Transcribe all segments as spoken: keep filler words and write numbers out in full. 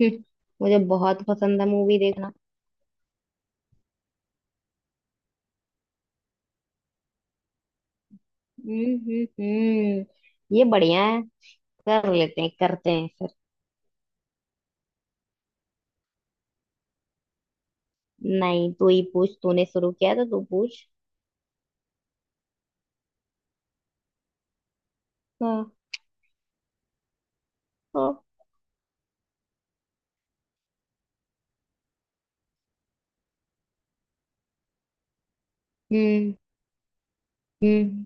हम्म, मुझे बहुत पसंद है मूवी देखना। हम्म हम्म हम्म, ये बढ़िया है। कर लेते हैं, करते हैं फिर। नहीं, तू ही पूछ। तूने शुरू किया तो तू पूछ। हाँ। हाँ। हम्म हम्म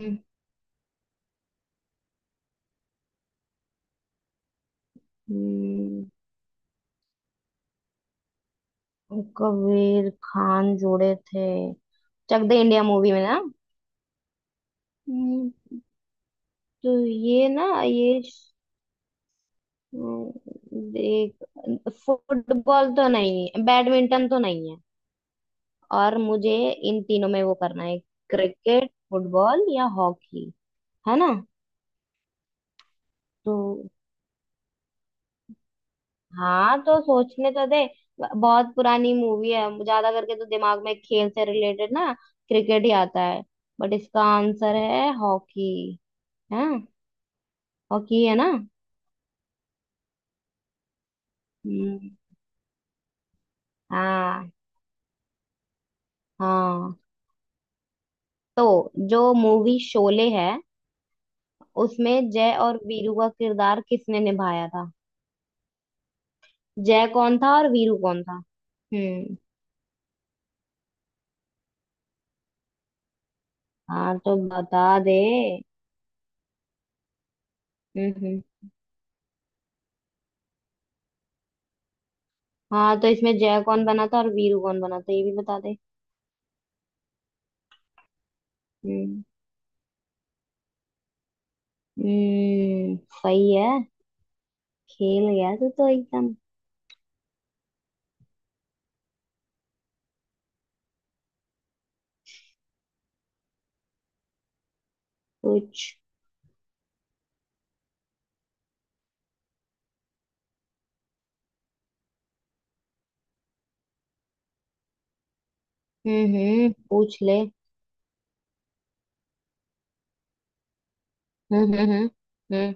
हम्म, हम्म, कबीर खान जुड़े थे चक दे इंडिया मूवी में ना। हम्म, तो ये ना ये श- हम्म, देख। फुटबॉल तो नहीं है, बैडमिंटन तो नहीं है। और मुझे इन तीनों में वो करना है, क्रिकेट, फुटबॉल या हॉकी। है ना? तो हाँ, तो सोचने तो दे। बहुत पुरानी मूवी है, ज्यादा करके तो दिमाग में खेल से रिलेटेड ना क्रिकेट ही आता है। बट इसका आंसर है हॉकी। है। हॉकी है ना। हम्म। हाँ हाँ। तो जो मूवी शोले है, उसमें जय और वीरू का किरदार किसने निभाया था? जय कौन था और वीरू कौन था? हम्म। हाँ, तो बता दे। हम्म हम्म। हाँ, तो इसमें जय कौन बना था और वीरू कौन बना था ये भी बता दे। हम्म। हम्म। सही है। खेल गया तू तो एकदम। पूछ। हम्म हम्म, पूछ ले। हम्म हम्म हम्म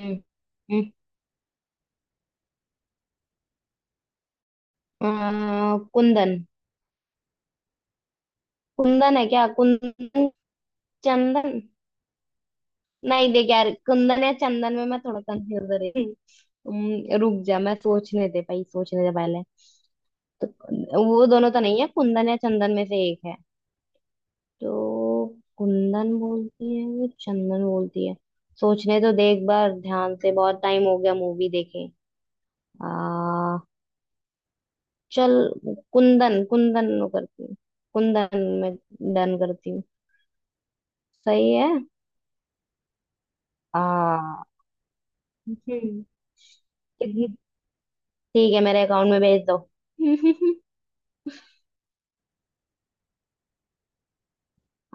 हम्म हम्म। हम्म। अ, कुंदन। कुंदन है क्या? कुंदन, चंदन। नहीं, देख यार, कुंदन या चंदन में मैं थोड़ा कंफ्यूज हो रही हूँ। हम्म, रुक जा, मैं सोचने दे भाई, सोचने दे पहले। तो वो दोनों तो नहीं है, कुंदन या चंदन में से एक है। तो कुंदन बोलती है, वो चंदन बोलती है। सोचने तो दे एक बार ध्यान से, बहुत टाइम हो गया मूवी देखे। आ, चल, कुंदन कुंदन वो करती हूँ। कुंदन में डन करती हूँ। सही है। आ। हम्म, ठीक है, मेरे अकाउंट में भेज दो।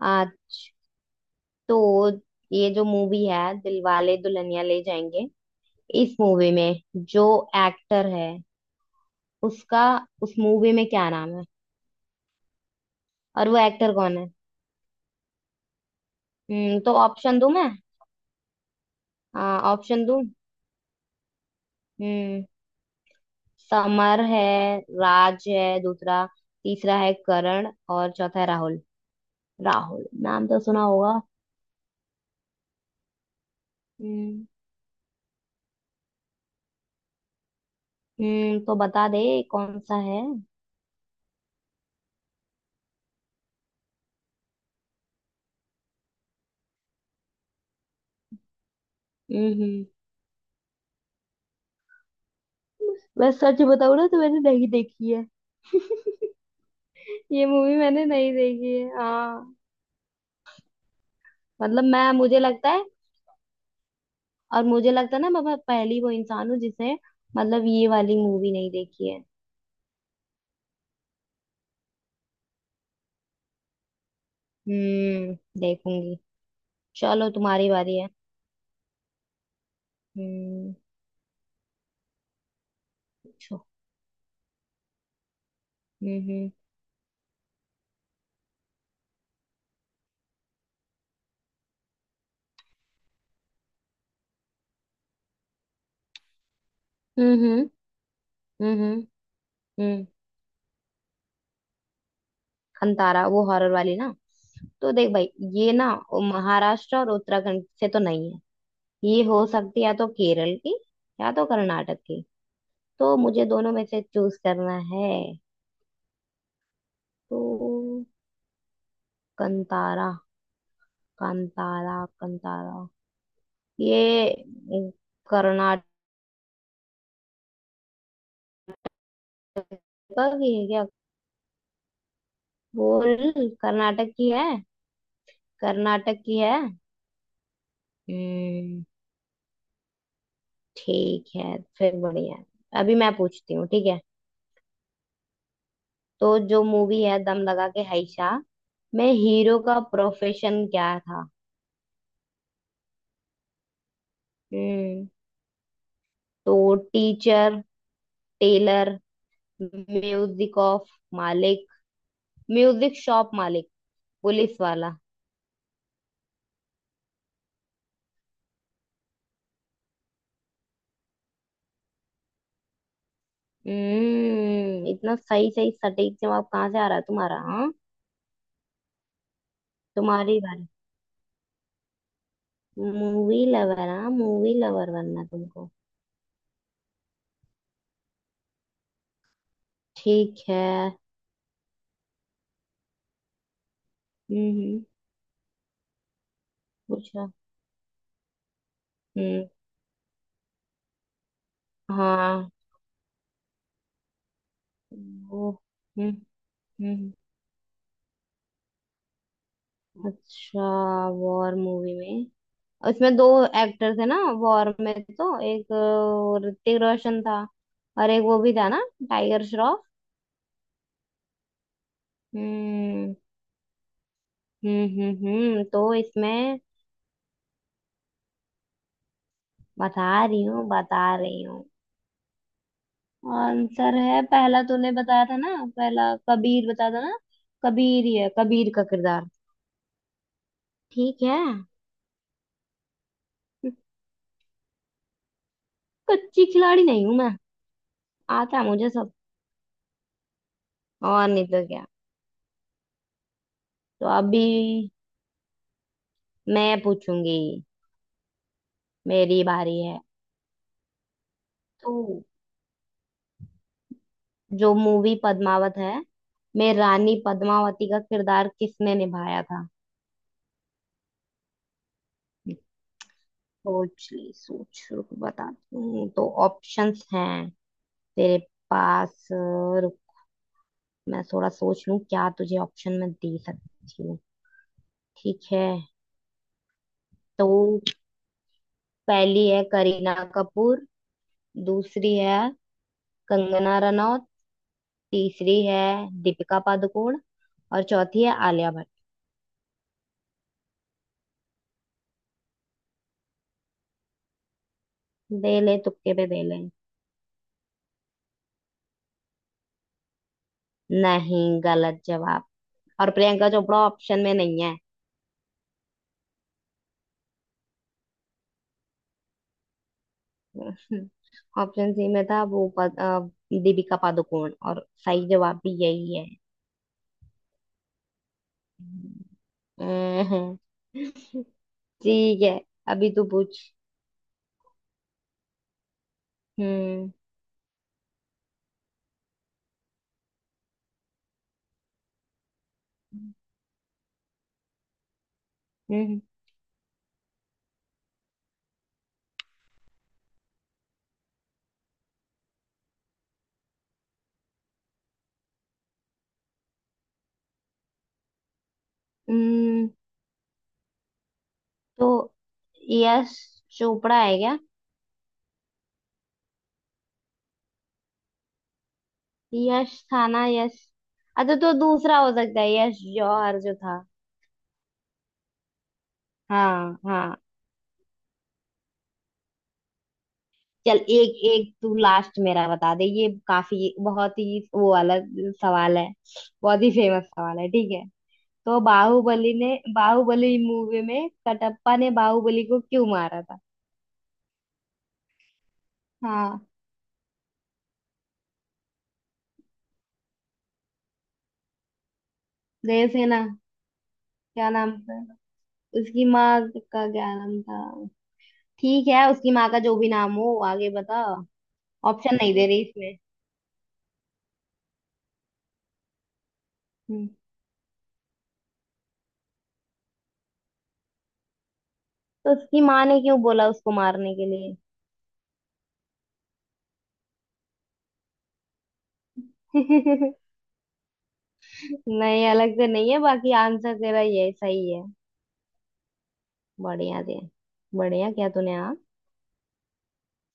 आज, तो ये जो मूवी है दिलवाले दुल्हनिया ले जाएंगे, इस मूवी में जो एक्टर है, उसका उस मूवी में क्या नाम है? और वो एक्टर कौन है? हम्म, तो ऑप्शन दूं मैं? ऑप्शन दूं? हम्म। समर है, राज है दूसरा, तीसरा है करण और चौथा है राहुल। राहुल नाम तो सुना होगा। हम्म। हम्म, तो बता दे, कौन सा है। हम्म। मैं सच बताऊं ना, तो मैंने नहीं देखी है। ये मूवी मैंने नहीं देखी है, हाँ। मतलब मैं, मुझे लगता है, और मुझे लगता है ना, मैं मैं पहली वो इंसान हूँ जिसने मतलब ये वाली मूवी नहीं देखी है। हम्म। देखूंगी। चलो, तुम्हारी बारी है। हम्म। पूछो। हम्म। हम्म हम्म हम्म हम्म, हम्म, खंतारा वो हॉरर वाली ना। तो देख भाई, ये ना वो महाराष्ट्र और उत्तराखंड से तो नहीं है। ये हो सकती है या तो केरल की, या तो कर्नाटक की। तो मुझे दोनों में से चूज करना है। तो कंतारा, कंतारा, कंतारा, ये अम, कर्नाटक की है क्या? बोल। कर्नाटक की है। कर्नाटक की है। हम्म। ठीक है फिर, बढ़िया है। अभी मैं पूछती हूँ, ठीक है। तो जो मूवी है दम लगा के हाइशा में हीरो का प्रोफेशन क्या था? हम्म, तो टीचर, टेलर, म्यूजिक ऑफ मालिक, म्यूजिक शॉप मालिक, पुलिस वाला। हम्म, इतना सही सही सटीक जवाब कहाँ से आ रहा है तुम्हारा, हाँ। तुम्हारी बारी। मूवी लवर, हाँ, मूवी लवर बनना तुमको। ठीक है। हम्म हम्म, पूछो। हम्म। हाँ। वो। हम्म। हम्म। अच्छा। वॉर मूवी में, उसमें दो एक्टर थे ना, वॉर में तो एक अ, ऋतिक रोशन था, और एक वो भी था ना, टाइगर श्रॉफ। हम्म। हम्म हम्म हम्म, तो इसमें, बता रही हूँ बता रही हूँ। आंसर है पहला। तूने बताया था ना पहला, कबीर बताया था ना। कबीर ही है, कबीर का किरदार। ठीक है। कच्ची खिलाड़ी नहीं हूं मैं। आता है मुझे सब। और नहीं तो क्या। तो अभी मैं पूछूंगी, मेरी बारी है। तो जो मूवी पद्मावत है में रानी पद्मावती का किरदार किसने निभाया था? सोच ले, सोच, रुक बताती हूँ। तो ऑप्शंस हैं तेरे पास। रुक, मैं थोड़ा सोच लूँ क्या तुझे ऑप्शन में दे सकती हूँ। ठीक है। तो पहली है करीना कपूर, दूसरी है कंगना रनौत, तीसरी है दीपिका पादुकोण और चौथी है आलिया भट्ट। दे ले, तुक्के पे दे ले। नहीं, गलत जवाब। और प्रियंका चोपड़ा ऑप्शन में नहीं है। ऑप्शन सी में था वो पद, अ, दीपिका पादुकोण, और सही जवाब भी यही है। हम्म, ठीक है, अभी तू पूछ। हम्म हम्म हम्म, तो यश चोपड़ा है क्या? यश था ना, यश। अच्छा, तो दूसरा हो सकता है यश जौहर जो था। हाँ हाँ। चल एक एक, तू लास्ट मेरा बता दे, ये काफी बहुत ही वो वाला सवाल है। बहुत ही फेमस सवाल है, ठीक है। तो बाहुबली ने, बाहुबली मूवी में कटप्पा ने बाहुबली को क्यों मारा था? हाँ। जयसेना। क्या नाम था, उसकी माँ का क्या नाम था? ठीक है, उसकी माँ का जो भी नाम हो, आगे बता। ऑप्शन नहीं दे रही इसमें। हम्म, तो उसकी माँ ने क्यों बोला उसको मारने के लिए? नहीं, अलग से नहीं है, बाकी आंसर तेरा ये सही है। बढ़िया जी। बढ़िया क्या तूने, हाँ।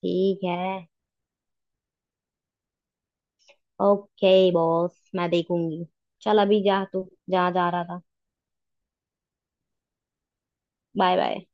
ठीक है। ओके बॉस, मैं देखूंगी। चल, अभी जा तू जहाँ जा रहा था। Bye bye.